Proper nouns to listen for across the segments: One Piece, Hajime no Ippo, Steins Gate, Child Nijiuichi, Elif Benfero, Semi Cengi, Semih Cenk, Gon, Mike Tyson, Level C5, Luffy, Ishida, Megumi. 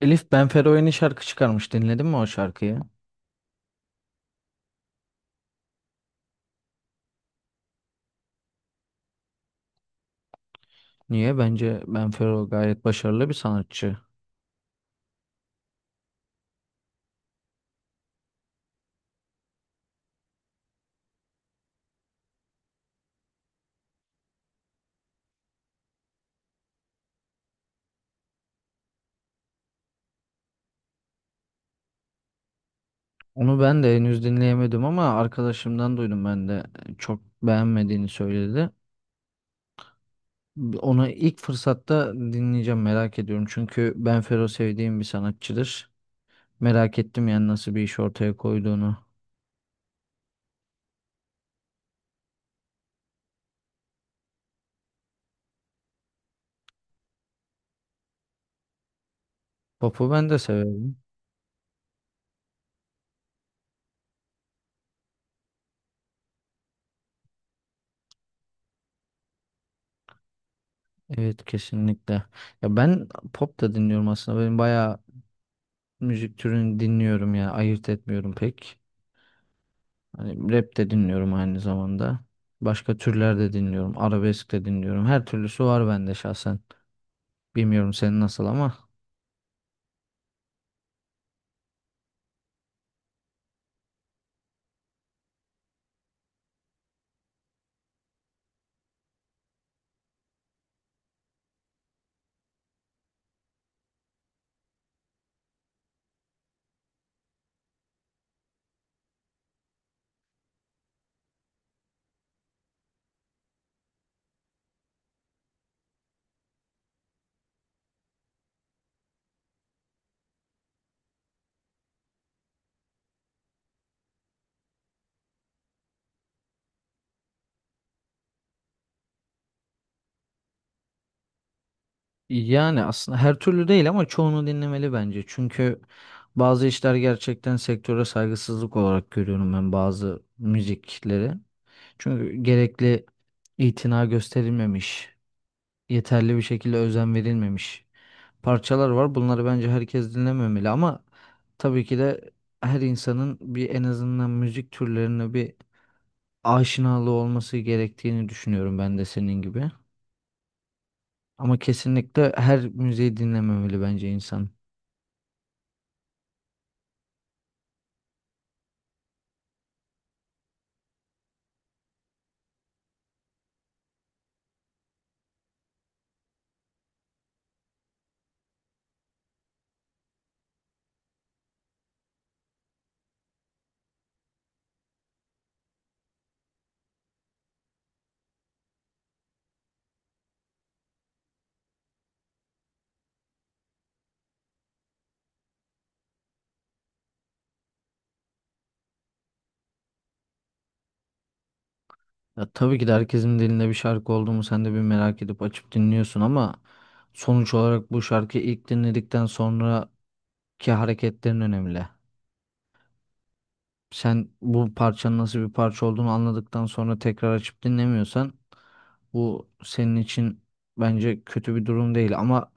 Elif Benfero yeni şarkı çıkarmış. Dinledin mi o şarkıyı? Niye? Bence Benfero gayet başarılı bir sanatçı. Onu ben de henüz dinleyemedim ama arkadaşımdan duydum ben de çok beğenmediğini söyledi. Onu ilk fırsatta dinleyeceğim, merak ediyorum. Çünkü Benfero sevdiğim bir sanatçıdır. Merak ettim yani nasıl bir iş ortaya koyduğunu. Pop'u ben de severim. Evet, kesinlikle. Ya ben pop da dinliyorum aslında. Benim bayağı müzik türünü dinliyorum ya. Ayırt etmiyorum pek. Hani rap de dinliyorum aynı zamanda. Başka türler de dinliyorum. Arabesk de dinliyorum. Her türlüsü var bende şahsen. Bilmiyorum senin nasıl ama. Yani aslında her türlü değil ama çoğunu dinlemeli bence. Çünkü bazı işler gerçekten sektöre saygısızlık olarak görüyorum ben bazı müzikleri. Çünkü gerekli itina gösterilmemiş, yeterli bir şekilde özen verilmemiş parçalar var. Bunları bence herkes dinlememeli ama tabii ki de her insanın bir en azından müzik türlerine bir aşinalığı olması gerektiğini düşünüyorum ben de senin gibi. Ama kesinlikle her müziği dinlememeli bence insan. Ya tabii ki de herkesin dilinde bir şarkı olduğumu sen de bir merak edip açıp dinliyorsun ama sonuç olarak bu şarkıyı ilk dinledikten sonraki hareketlerin önemli. Sen bu parçanın nasıl bir parça olduğunu anladıktan sonra tekrar açıp dinlemiyorsan bu senin için bence kötü bir durum değil ama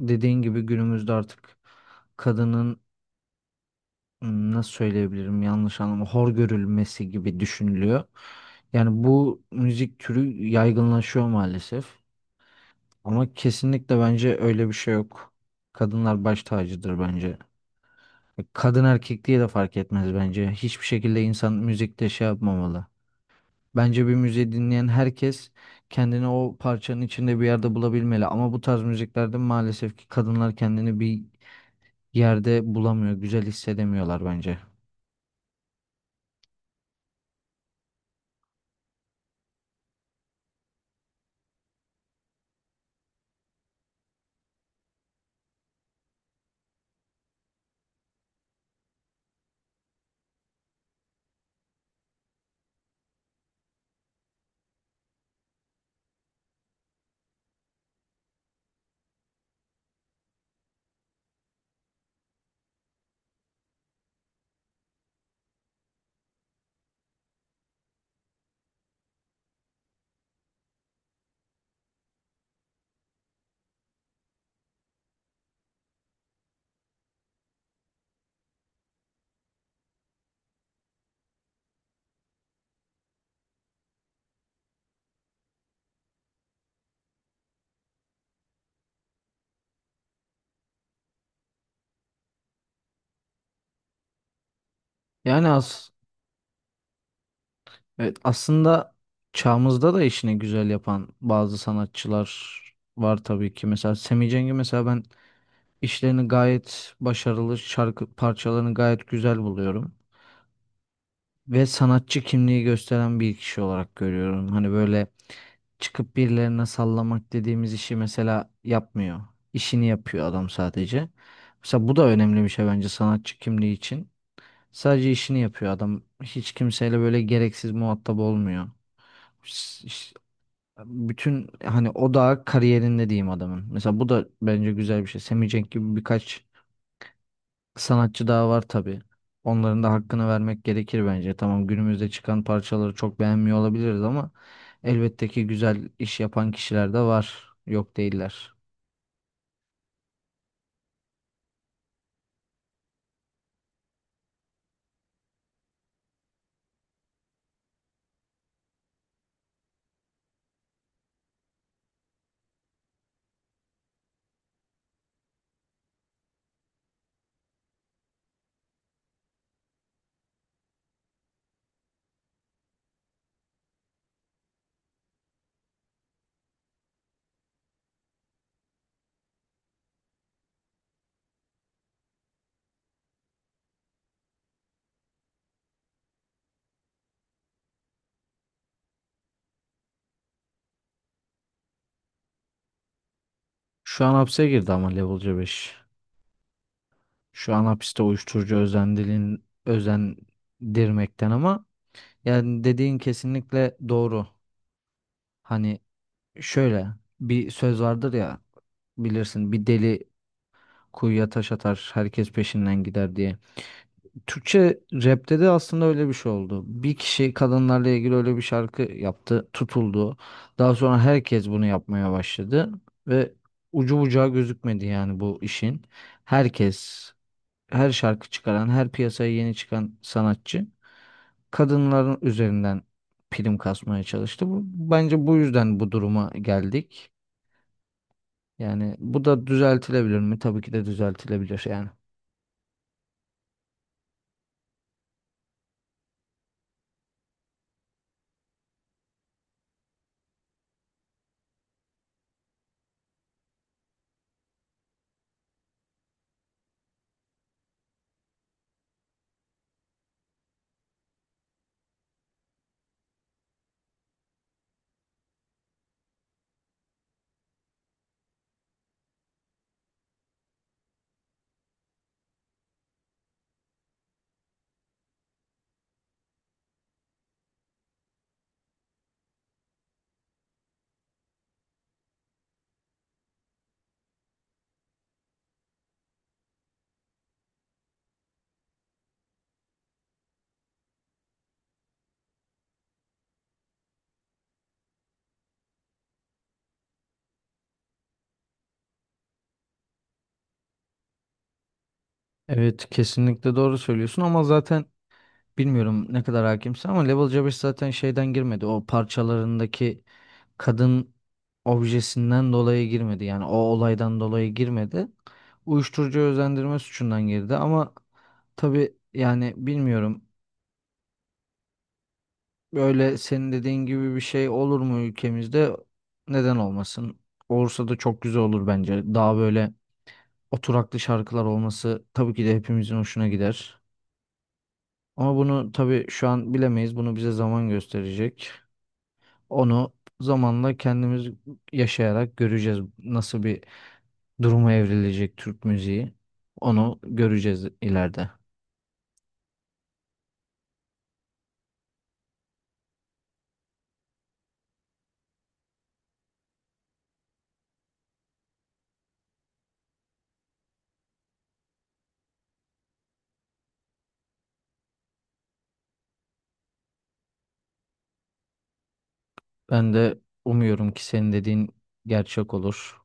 dediğin gibi günümüzde artık kadının nasıl söyleyebilirim, yanlış anlamda hor görülmesi gibi düşünülüyor. Yani bu müzik türü yaygınlaşıyor maalesef ama kesinlikle bence öyle bir şey yok. Kadınlar baş tacıdır bence. Kadın erkek diye de fark etmez bence. Hiçbir şekilde insan müzikte şey yapmamalı. Bence bir müziği dinleyen herkes kendini o parçanın içinde bir yerde bulabilmeli. Ama bu tarz müziklerde maalesef ki kadınlar kendini bir yerde bulamıyor, güzel hissedemiyorlar bence. Yani az, evet, aslında çağımızda da işini güzel yapan bazı sanatçılar var tabii ki. Mesela Semi Cengi, mesela ben işlerini gayet başarılı, şarkı parçalarını gayet güzel buluyorum. Ve sanatçı kimliği gösteren bir kişi olarak görüyorum. Hani böyle çıkıp birilerine sallamak dediğimiz işi mesela yapmıyor. İşini yapıyor adam sadece. Mesela bu da önemli bir şey bence sanatçı kimliği için. Sadece işini yapıyor adam. Hiç kimseyle böyle gereksiz muhatap olmuyor. Ş- ş- Bütün hani o da kariyerinde diyeyim adamın. Mesela bu da bence güzel bir şey. Semih Cenk gibi birkaç sanatçı daha var tabii. Onların da hakkını vermek gerekir bence. Tamam, günümüzde çıkan parçaları çok beğenmiyor olabiliriz ama elbette ki güzel iş yapan kişiler de var. Yok değiller. Şu an hapse girdi ama Level C5. Şu an hapiste uyuşturucu özendirmekten ama yani dediğin kesinlikle doğru. Hani şöyle bir söz vardır ya, bilirsin, bir deli kuyuya taş atar herkes peşinden gider diye. Türkçe rapte de aslında öyle bir şey oldu. Bir kişi kadınlarla ilgili öyle bir şarkı yaptı, tutuldu. Daha sonra herkes bunu yapmaya başladı ve ucu bucağı gözükmedi yani bu işin. Herkes, her şarkı çıkaran, her piyasaya yeni çıkan sanatçı kadınların üzerinden prim kasmaya çalıştı. Bu, bence bu yüzden bu duruma geldik. Yani bu da düzeltilebilir mi? Tabii ki de düzeltilebilir yani. Evet, kesinlikle doğru söylüyorsun ama zaten bilmiyorum ne kadar hakimsin ama Level C zaten şeyden girmedi. O parçalarındaki kadın objesinden dolayı girmedi. Yani o olaydan dolayı girmedi. Uyuşturucu özendirme suçundan girdi ama tabii yani bilmiyorum. Böyle senin dediğin gibi bir şey olur mu ülkemizde? Neden olmasın? Olursa da çok güzel olur bence. Daha böyle oturaklı şarkılar olması tabii ki de hepimizin hoşuna gider. Ama bunu tabii şu an bilemeyiz. Bunu bize zaman gösterecek. Onu zamanla kendimiz yaşayarak göreceğiz nasıl bir duruma evrilecek Türk müziği. Onu göreceğiz ileride. Ben de umuyorum ki senin dediğin gerçek olur.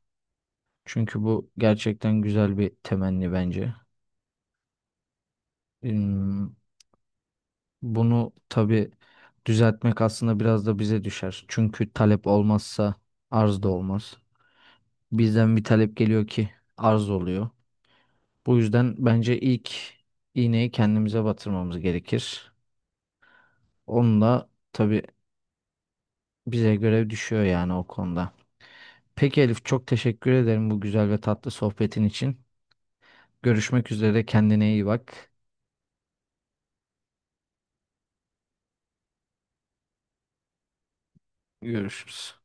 Çünkü bu gerçekten güzel bir temenni bence. Hmm, Bunu tabii düzeltmek aslında biraz da bize düşer. Çünkü talep olmazsa arz da olmaz. Bizden bir talep geliyor ki arz oluyor. Bu yüzden bence ilk iğneyi kendimize batırmamız gerekir. Onunla tabii bize görev düşüyor yani o konuda. Peki Elif, çok teşekkür ederim bu güzel ve tatlı sohbetin için. Görüşmek üzere, kendine iyi bak. Görüşürüz.